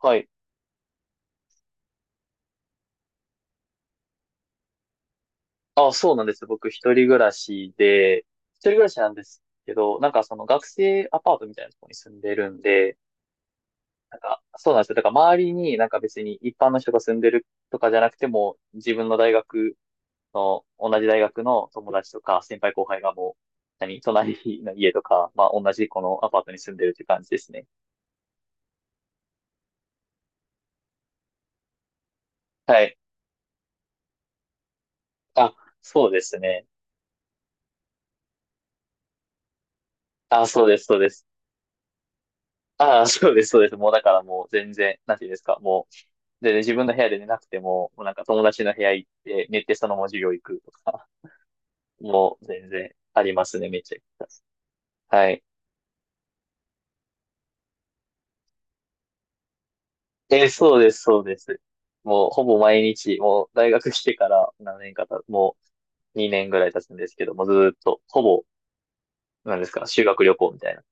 はい。あ、そうなんです。僕、一人暮らしで、一人暮らしなんですけど、なんかその学生アパートみたいなところに住んでるんで、なんか、そうなんですよ。だから周りになんか別に一般の人が住んでるとかじゃなくても、自分の大学の、同じ大学の友達とか、先輩後輩がもう、何、隣の家とか、まあ同じこのアパートに住んでるっていう感じですね。はい。あ、そうですね。あ、そうです、そうです。あ、そうです、そうです。もうだからもう全然、なんていうんですか、もう、でね、自分の部屋で寝なくても、もうなんか友達の部屋行って、寝てそのまま授業行くとか、もう全然ありますね、めちゃくちゃ。はい。そうです、そうです。もうほぼ毎日、もう大学来てから何年かた、もう2年ぐらい経つんですけども、ずーっと、ほぼ、なんですか、修学旅行みたいな。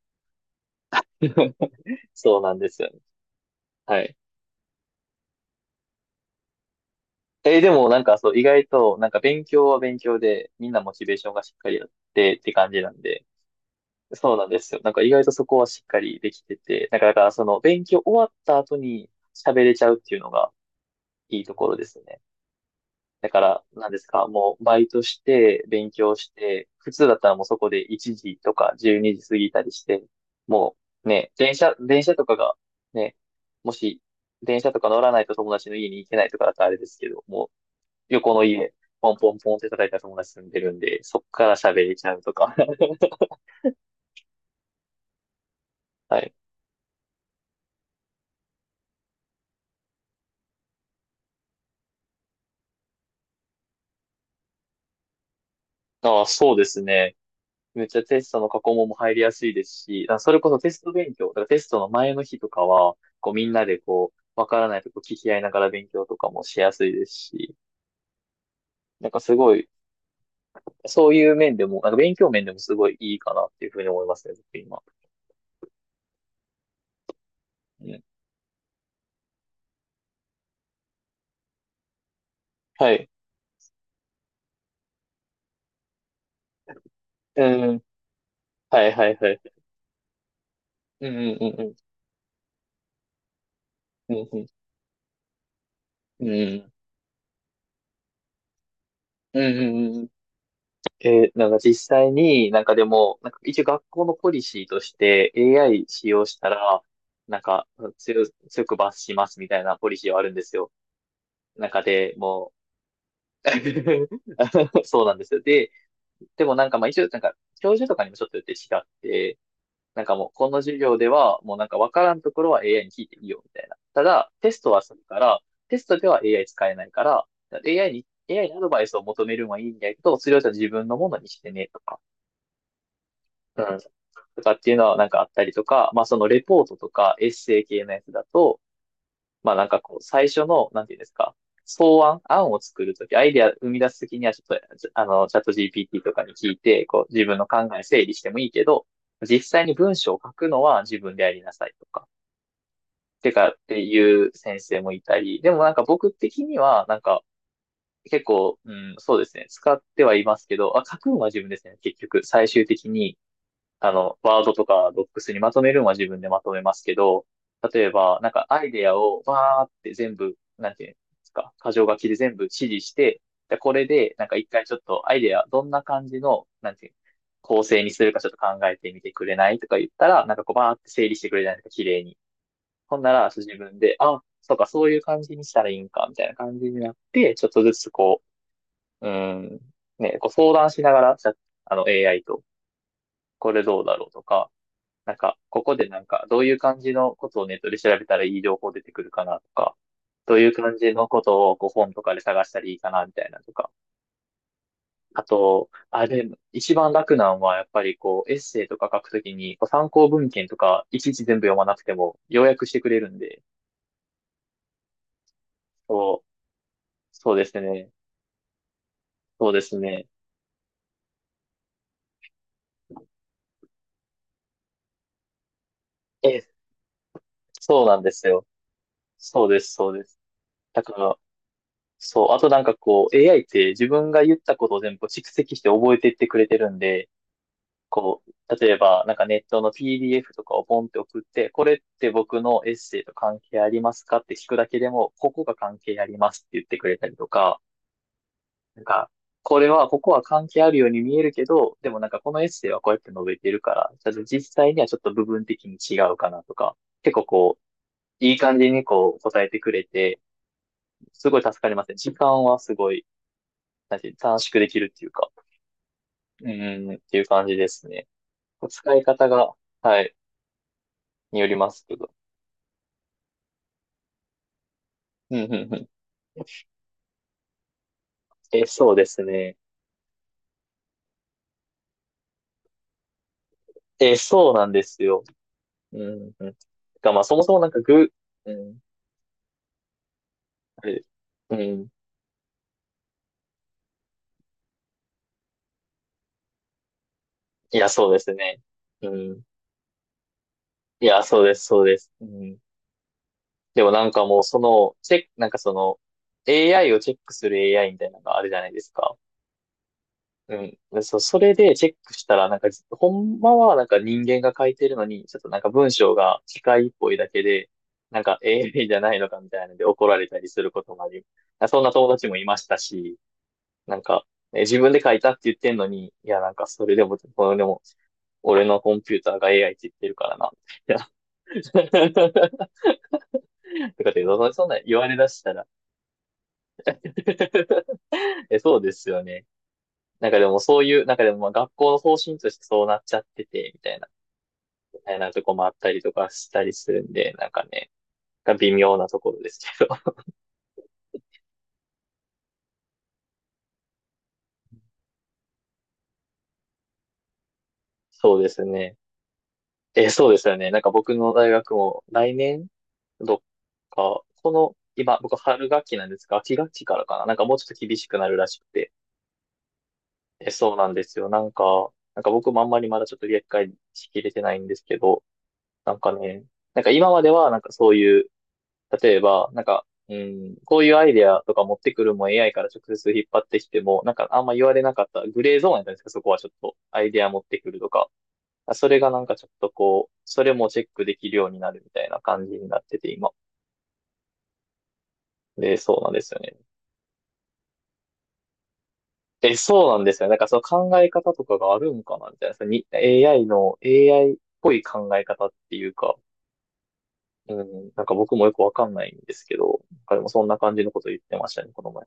そうなんですよね。はい。でもなんかそう、意外と、なんか勉強は勉強で、みんなモチベーションがしっかりあってって感じなんで、そうなんですよ。なんか意外とそこはしっかりできてて、なんかだからその勉強終わった後に喋れちゃうっていうのがいいところですね。だから、なんですか、もうバイトして、勉強して、普通だったらもうそこで1時とか12時過ぎたりして、もうね、電車とかがね、もし電車とか乗らないと友達の家に行けないとかだったらあれですけど、もう横の家、ポンポンポンって叩いたら友達住んでるんで、そっから喋れちゃうとか。はい。ああ、そうですね。めっちゃテストの過去問も入りやすいですし、だからそれこそテスト勉強、だからテストの前の日とかは、こうみんなでこう、わからないとこ聞き合いながら勉強とかもしやすいですし、なんかすごい、そういう面でも、なんか勉強面でもすごいいいかなっていうふうに思いますね、僕今。うん。はい。うん。はいはいはい。うんうんうんうん。うんうん。うんうん。うんうんうんなんか実際になんかでも、なんか一応学校のポリシーとして AI 使用したら、なんか強く罰しますみたいなポリシーはあるんですよ。中でもう そうなんですよ。で、でもなんかまあ一応なんか教授とかにもちょっとよって違って、なんかもうこの授業ではもうなんかわからんところは AI に聞いていいよみたいな。ただテストはするから、テストでは AI 使えないから、AI にアドバイスを求めるのはいいんだけど、それをじゃあ自分のものにしてねとか。うん。とかっていうのはなんかあったりとか、まあそのレポートとかエッセイ系のやつだと、まあなんかこう最初の、なんていうんですか、案を作るとき、アイデア生み出すときにはちょっと、じあの、チャット GPT とかに聞いて、こう自分の考え整理してもいいけど、実際に文章を書くのは自分でやりなさいとか、てかっていう先生もいたり、でもなんか僕的にはなんか結構、うん、そうですね、使ってはいますけど、あ、書くのは自分ですね、結局、最終的に。あの、ワードとかドックスにまとめるのは自分でまとめますけど、例えば、なんかアイデアをわーって全部、なんていうんですか、箇条書きで全部指示して、で、これで、なんか一回ちょっとアイデア、どんな感じの、なんていう、構成にするかちょっと考えてみてくれないとか言ったら、なんかこうバーって整理してくれないとか、綺麗に。ほんなら、そう自分で、あ、そうか、そういう感じにしたらいいんか、みたいな感じになって、ちょっとずつこう、うーん、ね、こう相談しながら、じゃあの AI と、これどうだろうとか、なんか、ここでなんか、どういう感じのことをネットで調べたらいい情報出てくるかなとか、どういう感じのことをこう本とかで探したらいいかなみたいなとか。あと、あれ、一番楽なんはやっぱりこう、エッセイとか書くときに、こう参考文献とか、いちいち全部読まなくても、要約してくれるんで、そう、そうですね。そうですね。え、そうなんですよ。そうです、そうです。だから、そう、あとなんかこう、AI って自分が言ったことを全部蓄積して覚えていってくれてるんで、こう、例えば、なんかネットの PDF とかをポンって送って、これって僕のエッセイと関係ありますかって聞くだけでも、ここが関係ありますって言ってくれたりとか、なんか、ここは関係あるように見えるけど、でもなんかこのエッセイはこうやって述べてるから、ただ実際にはちょっと部分的に違うかなとか、結構こう、いい感じにこう答えてくれて、すごい助かりますね。時間はすごい、なんていう短縮できるっていうか、うん、っていう感じですね。使い方が、はい、によりますけど。うん、うん、うん。え、そうですね。え、そうなんですよ。うん、うん。が、まあ、そもそもなんかぐ、うん、あれうん。いや、そうですね。うん。いや、そうです、そうです。うん。でもなんかもう、その、チェック、なんかその、AI をチェックする AI みたいなのがあるじゃないですか。うん。でそう、それでチェックしたら、なんか、ほんまはなんか人間が書いてるのに、ちょっとなんか文章が機械っぽいだけで、なんか AI じゃないのかみたいなので怒られたりすることもあり、そんな友達もいましたし、なんか、え自分で書いたって言ってんのに、いや、なんかそれでも、これでも、俺のコンピューターが AI って言ってるからな、みたいな。とかって、そそんなん言われだしたら え、そうですよね。なんかでもそういう、なんかでもまあ学校の方針としてそうなっちゃってて、みたいな。たいなとこもあったりとかしたりするんで、なんかね、微妙なところですけど。そうですね。え、そうですよね。なんか僕の大学も来年どっか、この、今、僕春学期なんですが、秋学期からかな。なんかもうちょっと厳しくなるらしくて。え、そうなんですよ。なんか、僕もあんまりまだちょっと理解しきれてないんですけど、なんかね、なんか今まではなんかそういう例えば、なんか、うん、こういうアイデアとか持ってくるも AI から直接引っ張ってきても、なんかあんま言われなかったグレーゾーンやったんですか、そこはちょっとアイデア持ってくるとか。あそれがなんかちょっとこう、それもチェックできるようになるみたいな感じになってて今。で、そうなんですよね。え、そうなんですよね。なんかその考え方とかがあるんかなみたいな。そのに AI の AI っぽい考え方っていうか、うん、なんか僕もよくわかんないんですけど、彼もそんな感じのこと言ってましたね、この前。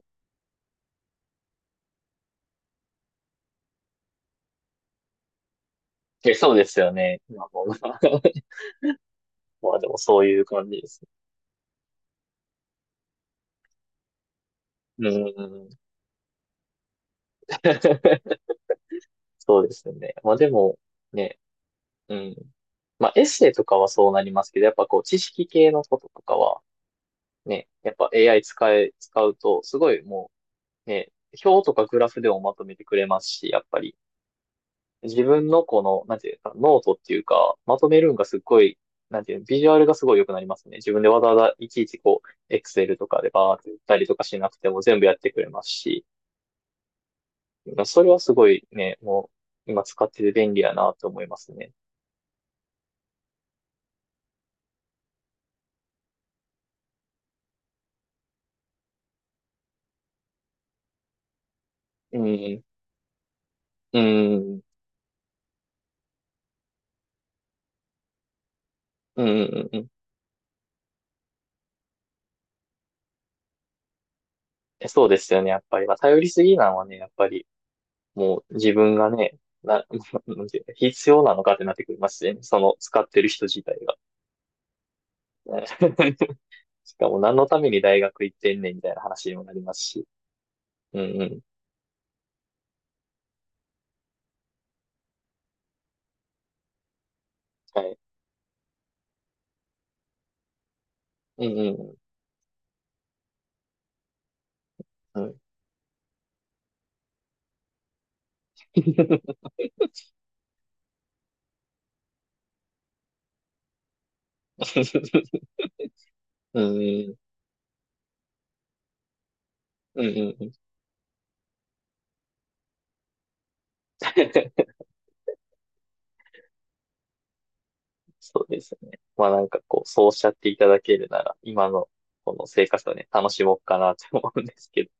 え、そうですよね。まあ、もう まあでもそういう感じですね。うん。そうですね。まあでも、ね、うん。まあエッセイとかはそうなりますけど、やっぱこう知識系のこととかは、ね、やっぱ AI 使え、使うと、すごいもう、ね、表とかグラフでもまとめてくれますし、やっぱり自分のこの、なんていうか、ノートっていうか、まとめるんがすっごい、なんていうの、ビジュアルがすごい良くなりますね。自分でわざわざいちいちこう、Excel とかでバーって打ったりとかしなくても全部やってくれますし、だからそれはすごいね、もう今使ってて便利やなと思いますね。うん、うん、うん、うんうん。えそうですよね、やっぱり。まあ、頼りすぎなのはね、やっぱり、もう自分がね、な、なんていうの必要なのかってなってくりますしね。その使ってる人自体が。ね しかも何のために大学行ってんねんみたいな話にもなりますし。うんうん。はい。うんうん。うん。うんうん。うんうん。そうですね。まあなんかこう、そうおっしゃっていただけるなら、今のこの生活をね、楽しもうかなと思うんですけど。